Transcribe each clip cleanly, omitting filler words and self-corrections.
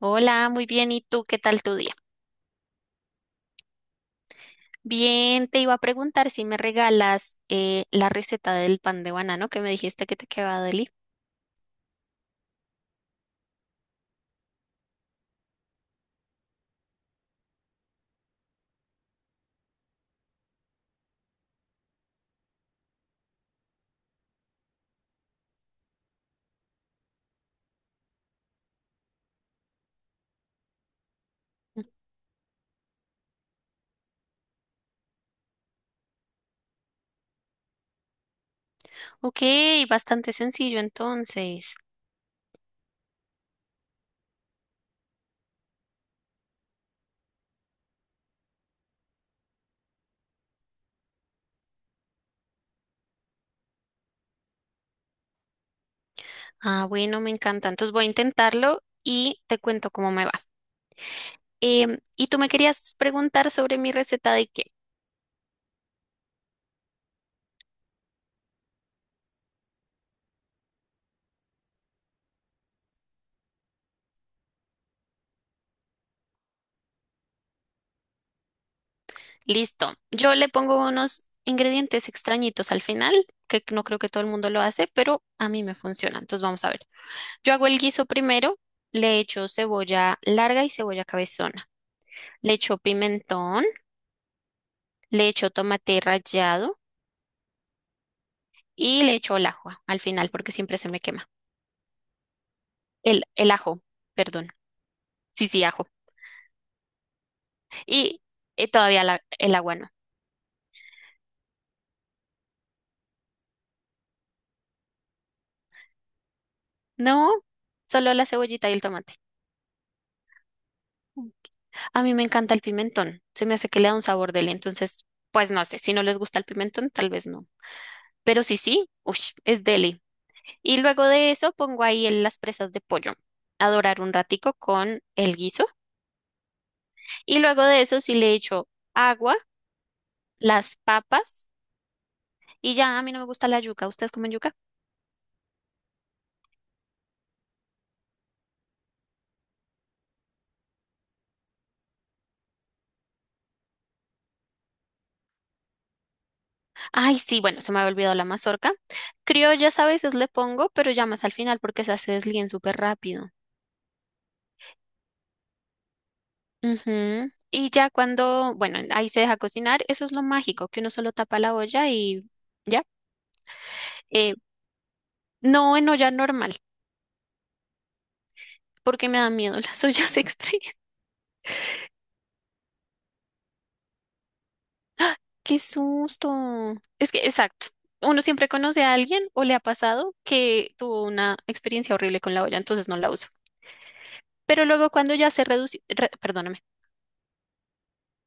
Hola, muy bien. ¿Y tú qué tal tu día? Bien, te iba a preguntar si me regalas la receta del pan de banano que me dijiste que te quedaba deli. Ok, bastante sencillo entonces. Ah, bueno, me encanta. Entonces voy a intentarlo y te cuento cómo me va. ¿Y tú me querías preguntar sobre mi receta de qué? Listo. Yo le pongo unos ingredientes extrañitos al final, que no creo que todo el mundo lo hace, pero a mí me funciona. Entonces vamos a ver. Yo hago el guiso primero, le echo cebolla larga y cebolla cabezona, le echo pimentón, le echo tomate rallado y le echo el ajo al final porque siempre se me quema. El ajo, perdón. Sí, sí, ajo. Y todavía el agua no. No, solo la cebollita y el tomate. A mí me encanta el pimentón, se me hace que le da un sabor deli, entonces, pues no sé, si no les gusta el pimentón, tal vez no. Pero sí, sí, uy, es deli. Y luego de eso pongo ahí las presas de pollo a dorar un ratico con el guiso. Y luego de eso sí le echo agua, las papas y ya a mí no me gusta la yuca. ¿Ustedes comen yuca? Ay, sí, bueno, se me había olvidado la mazorca. Criollas a veces le pongo, pero ya más al final porque esas se deslíen súper rápido. Ujú. Y ya cuando, bueno, ahí se deja cocinar, eso es lo mágico, que uno solo tapa la olla y ya. Eh, no, en olla normal, porque me dan miedo las ollas extra. Qué susto. Es que, exacto. Uno siempre conoce a alguien o le ha pasado que tuvo una experiencia horrible con la olla, entonces no la uso. Pero luego cuando ya se redució, perdóname,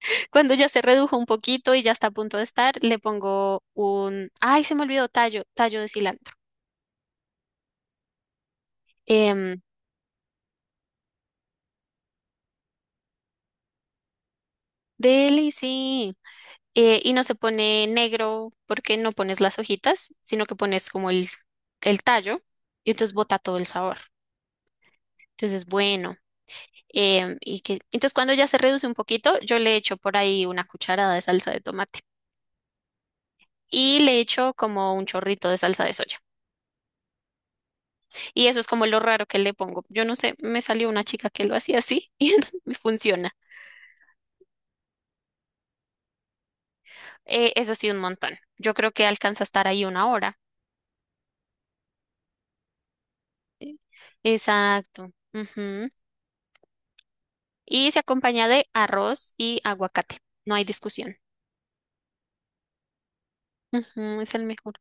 cuando ya se redujo un poquito y ya está a punto de estar, le pongo un, ay, se me olvidó, tallo, tallo de cilantro. Em, deli, sí. Y no se pone negro porque no pones las hojitas, sino que pones como el tallo y entonces bota todo el sabor. Entonces, bueno. Y que, entonces cuando ya se reduce un poquito, yo le echo por ahí una cucharada de salsa de tomate y le echo como un chorrito de salsa de soya. Y eso es como lo raro que le pongo. Yo no sé, me salió una chica que lo hacía así y me funciona. Eso sí, un montón. Yo creo que alcanza a estar ahí una hora. Eh, Exacto. Ujú. Y se acompaña de arroz y aguacate. No hay discusión. Ujú, es el mejor.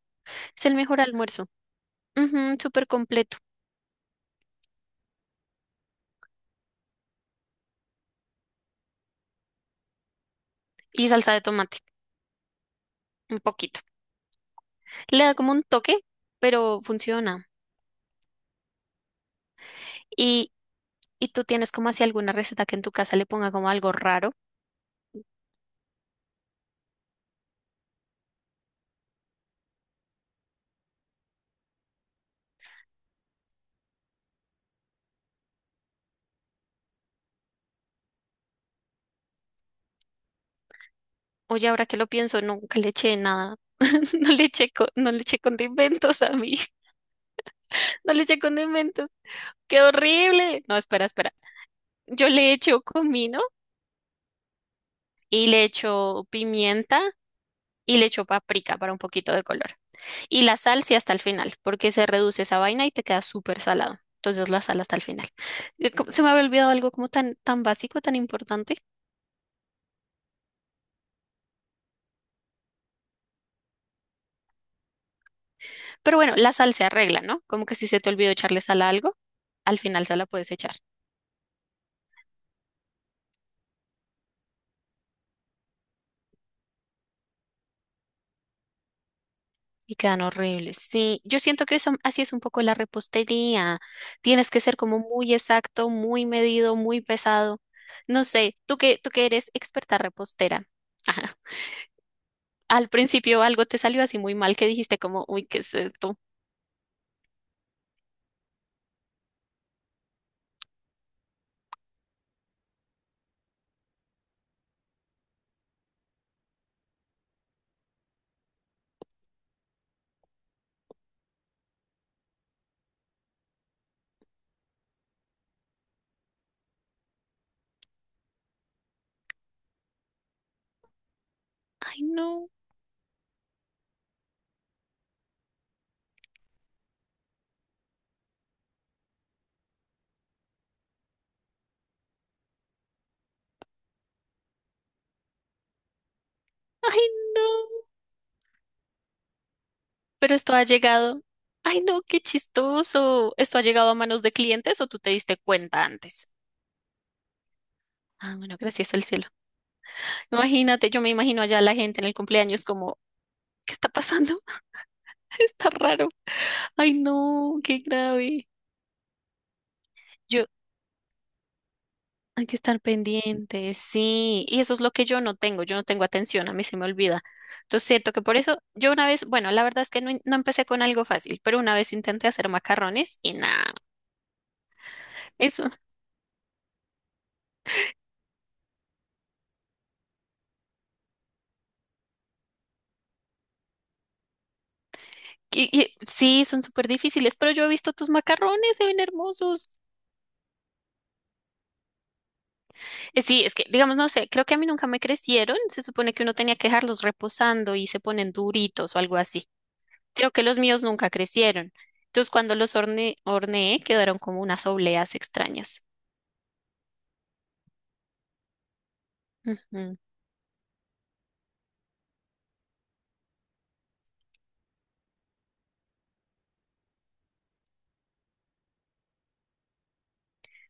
Es el mejor almuerzo. Ujú, súper completo. Y salsa de tomate. Un poquito. Le da como un toque, pero funciona. Y, y tú tienes como así alguna receta que en tu casa le ponga como algo raro. Oye, ahora que lo pienso, nunca le eché nada. No le eché, no le eché condimentos a mí. No le eché condimentos. ¡Qué horrible! No, espera, espera. Yo le echo comino y le echo pimienta y le echo paprika para un poquito de color. Y la sal sí hasta el final, porque se reduce esa vaina y te queda súper salado. Entonces la sal hasta el final. Se me había olvidado algo como tan, tan básico, tan importante. Pero bueno, la sal se arregla, ¿no? Como que si se te olvidó echarle sal a algo, al final se la puedes echar. Y quedan horribles. Sí, yo siento que así es un poco la repostería. Tienes que ser como muy exacto, muy medido, muy pesado. No sé, tú que eres experta repostera. Ajá. Al principio algo te salió así muy mal que dijiste como, uy, ¿qué es esto? Ay, no, ay, no. Pero esto ha llegado. Ay, no, qué chistoso. ¿Esto ha llegado a manos de clientes o tú te diste cuenta antes? Ah, bueno, gracias al cielo. Imagínate, yo me imagino allá la gente en el cumpleaños como, ¿qué está pasando? Está raro. Ay, no, qué grave. Yo, hay que estar pendientes, sí. Y eso es lo que yo no tengo atención, a mí se me olvida. Entonces siento que por eso yo una vez, bueno, la verdad es que no, no empecé con algo fácil, pero una vez intenté hacer macarrones y nada, eso. Sí, son súper difíciles, pero yo he visto tus macarrones, se ven hermosos. Sí, es que, digamos, no sé, creo que a mí nunca me crecieron, se supone que uno tenía que dejarlos reposando y se ponen duritos o algo así. Creo que los míos nunca crecieron. Entonces cuando horneé quedaron como unas obleas extrañas. Ujú.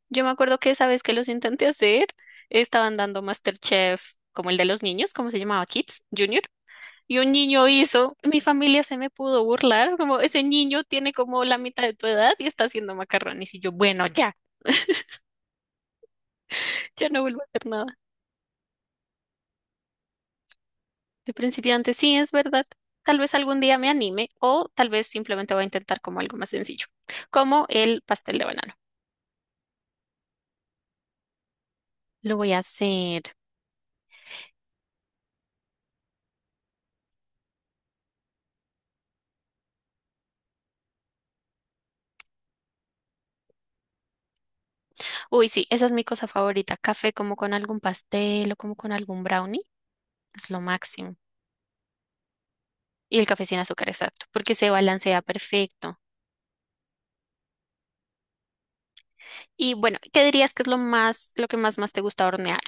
Yo me acuerdo que esa vez que los intenté hacer, estaban dando MasterChef, como el de los niños, como se llamaba? Kids Junior. Y un niño hizo, mi familia se me pudo burlar, como ese niño tiene como la mitad de tu edad y está haciendo macarrones. Y yo, bueno, ya, ya no vuelvo a hacer nada. De principiante, sí, es verdad. Tal vez algún día me anime o tal vez simplemente voy a intentar como algo más sencillo, como el pastel de banano. Lo voy a hacer. Uy, sí, esa es mi cosa favorita. Café como con algún pastel o como con algún brownie. Es lo máximo. Y el café sin azúcar, exacto, porque se balancea perfecto. Y bueno, ¿qué dirías que es lo más, lo que más te gusta hornear?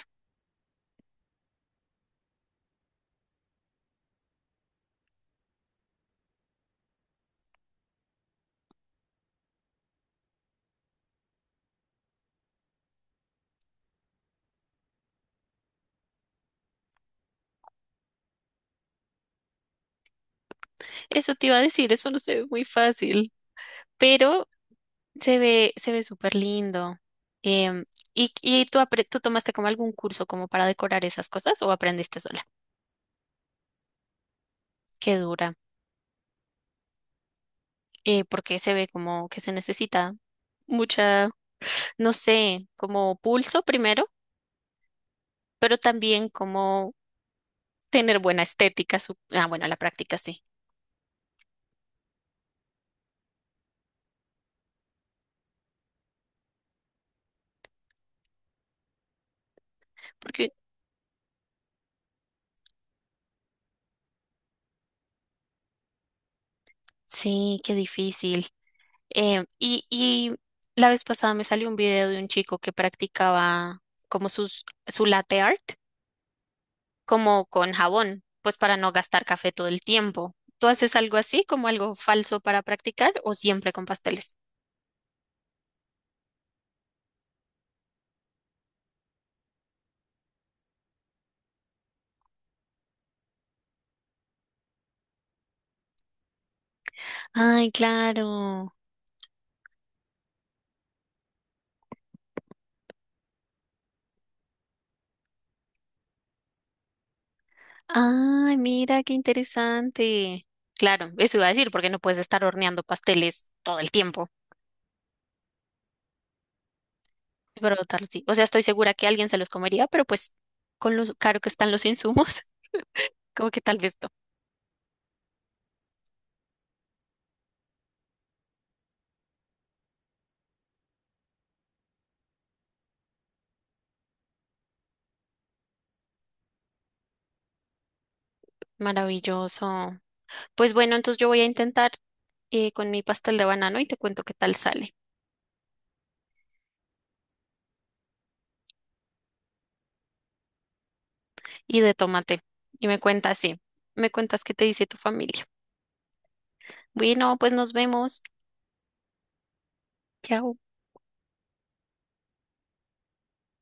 Eso te iba a decir, eso no se ve muy fácil, pero se ve súper lindo. Em, ¿Y, tú tomaste como algún curso como para decorar esas cosas o aprendiste sola? Qué dura, porque se ve como que se necesita mucha, no sé, como pulso primero, pero también como tener buena estética, ah, bueno, la práctica sí, porque sí, qué difícil. Em, y, y la vez pasada me salió un video de un chico que practicaba como su latte art, como con jabón, pues para no gastar café todo el tiempo. ¿Tú haces algo así, como algo falso para practicar o siempre con pasteles? Ay, claro. Ay, mira, qué interesante. Claro, eso iba a decir, porque no puedes estar horneando pasteles todo el tiempo. Brotar, sí. O sea, estoy segura que alguien se los comería, pero pues con lo caro que están los insumos, como que tal vez no. Maravilloso. Pues bueno, entonces yo voy a intentar con mi pastel de banano y te cuento qué tal sale. Y de tomate. Y me cuentas, sí. Me cuentas qué te dice tu familia. Bueno, pues nos vemos. Chao.